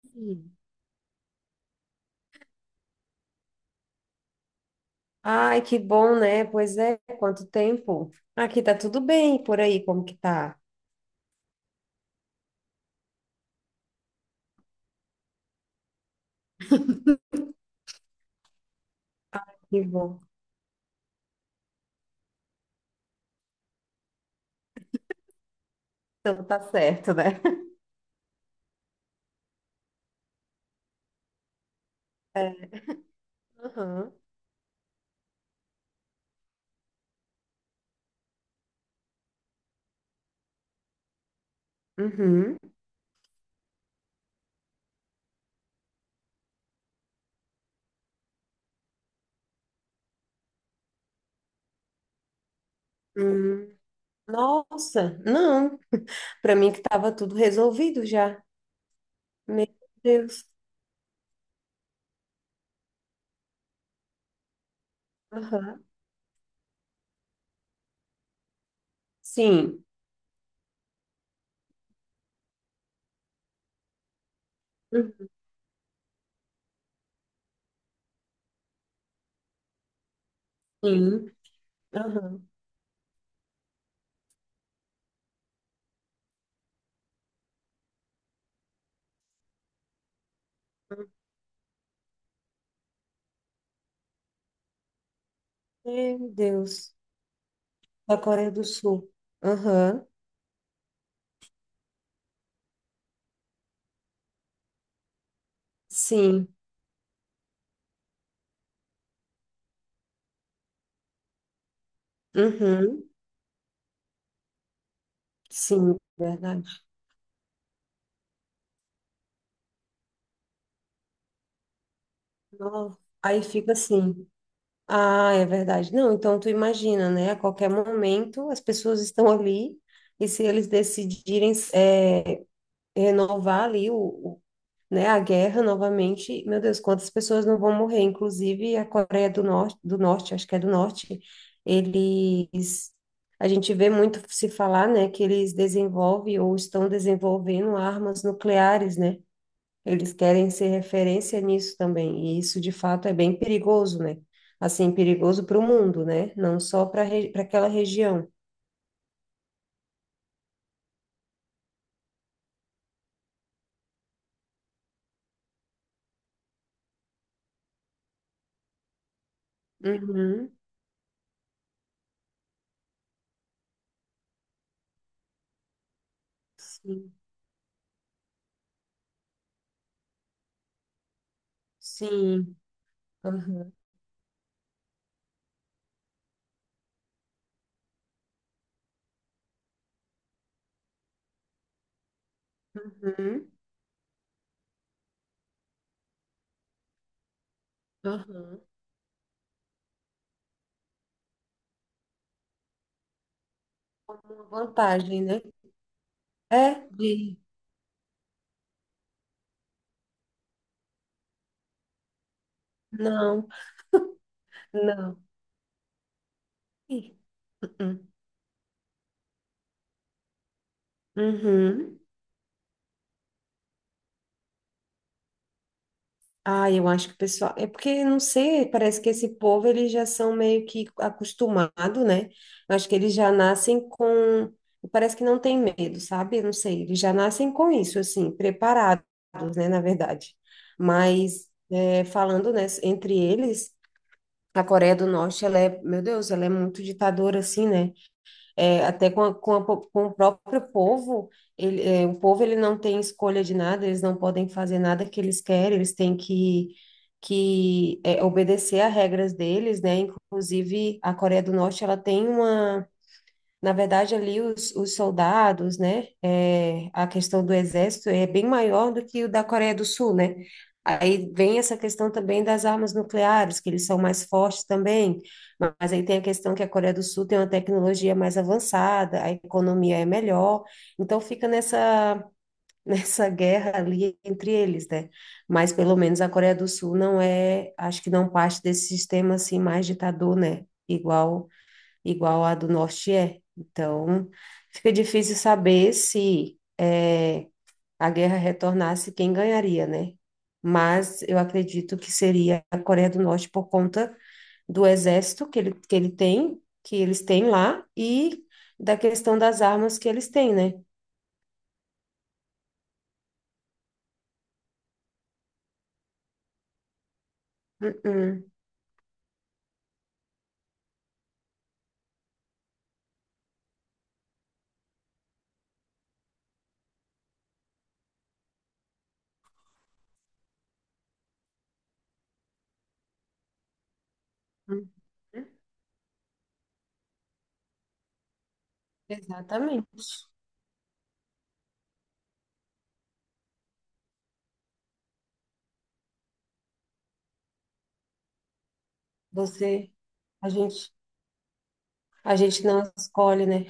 Sim. Ai, que bom, né? Pois é, quanto tempo. Aqui tá tudo bem, por aí, como que tá? Que bom. Então tá certo, né? É. Aham. Uhum. Hum. Nossa, não. Para mim que estava tudo resolvido já. Meu Deus. Aham. Sim. Uhum. Sim. Aham. Meu Deus. Da Coreia do Sul. Aham. Sim. Uhum. Sim, verdade. Nossa. Aí fica assim. Ah, é verdade. Não, então tu imagina, né? A qualquer momento as pessoas estão ali e se eles decidirem renovar ali né, a guerra novamente, meu Deus, quantas pessoas não vão morrer? Inclusive a Coreia do Norte, acho que é do Norte, eles, a gente vê muito se falar, né, que eles desenvolvem ou estão desenvolvendo armas nucleares, né? Eles querem ser referência nisso também, e isso de fato é bem perigoso, né? Assim, perigoso para o mundo, né? Não só para aquela região. Uhum, sim, sim, uhum, uhum, uhum. Uma vantagem, né? É, de. Não, não. Ih, uh-uh. Uhum. Ah, eu acho que o pessoal. É porque, não sei, parece que esse povo eles já são meio que acostumados, né? Eu acho que eles já nascem com. Parece que não tem medo, sabe? Eu não sei, eles já nascem com isso, assim, preparados, né? Na verdade. Mas, falando, né, entre eles, a Coreia do Norte, ela é, meu Deus, ela é muito ditadora, assim, né? Até com o próprio povo, o povo ele não tem escolha de nada, eles não podem fazer nada que eles querem, eles têm que obedecer às regras deles, né? Inclusive, a Coreia do Norte, ela tem uma na verdade, ali os soldados, né? A questão do exército é bem maior do que o da Coreia do Sul, né? Aí vem essa questão também das armas nucleares, que eles são mais fortes também, mas aí tem a questão que a Coreia do Sul tem uma tecnologia mais avançada, a economia é melhor, então fica nessa guerra ali entre eles, né? Mas pelo menos a Coreia do Sul não é, acho que não parte desse sistema assim mais ditador, né? Igual a do norte é. Então, fica difícil saber se a guerra retornasse, quem ganharia, né? Mas eu acredito que seria a Coreia do Norte por conta do exército que ele tem, que eles têm lá, e da questão das armas que eles têm, né? Uhum. Uhum. Exatamente. Você, a gente, a gente não escolhe, né?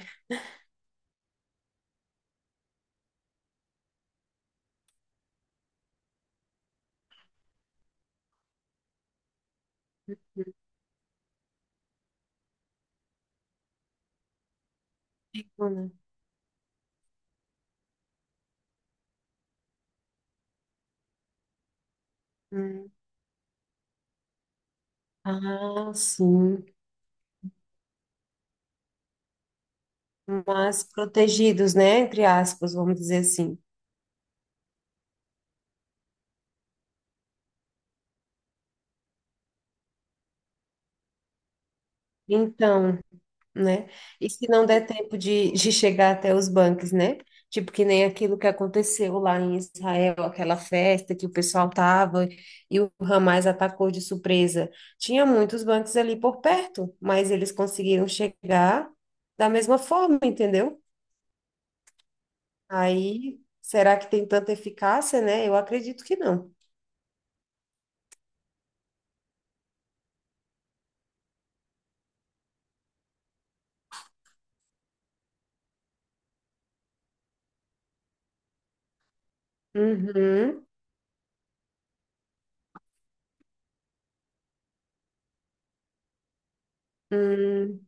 Uhum. Ah, sim. Mas protegidos, né? Entre aspas, vamos dizer assim. Então, né? E se não der tempo de chegar até os bancos, né? Tipo, que nem aquilo que aconteceu lá em Israel, aquela festa que o pessoal tava e o Hamas atacou de surpresa. Tinha muitos bancos ali por perto, mas eles conseguiram chegar da mesma forma, entendeu? Aí, será que tem tanta eficácia, né? Eu acredito que não. Uhum. Hum.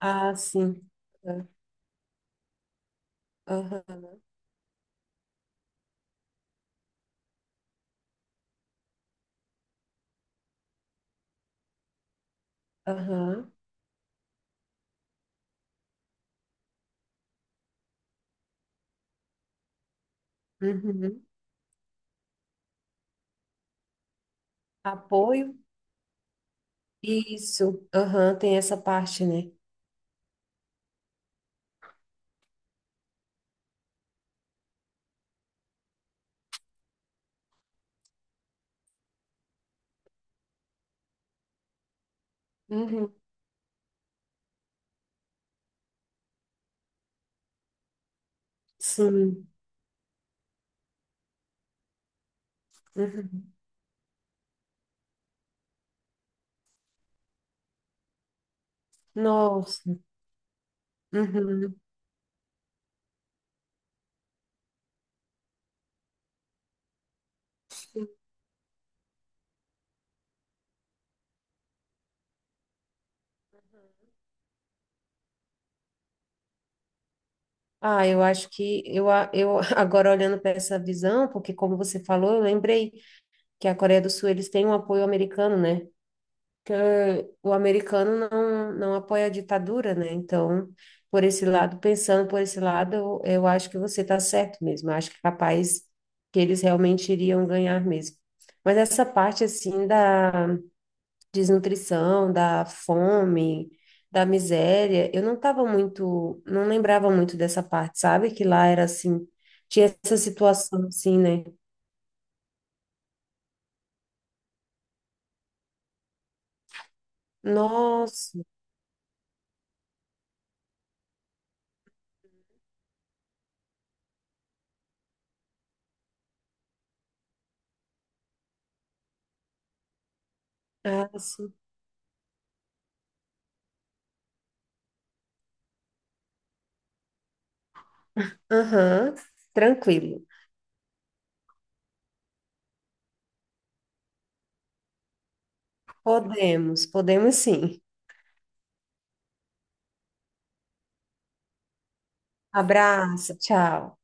Ah, sim. Aham, aham, uhum. Apoio? Isso, aham, tem essa parte, né? Uhum, sim, uhum. Nossa, uhum. Ah, eu acho que eu agora olhando para essa visão, porque como você falou, eu lembrei que a Coreia do Sul eles têm um apoio americano, né? Que o americano não apoia a ditadura, né? Então, por esse lado, pensando por esse lado, eu acho que você está certo mesmo. Eu acho que é capaz que eles realmente iriam ganhar mesmo. Mas essa parte, assim, da desnutrição, da fome, da miséria, eu não estava muito, não lembrava muito dessa parte, sabe? Que lá era assim, tinha essa situação assim, né? Nossa, ah, sim. Aham, tranquilo. Podemos, podemos sim. Abraço, tchau.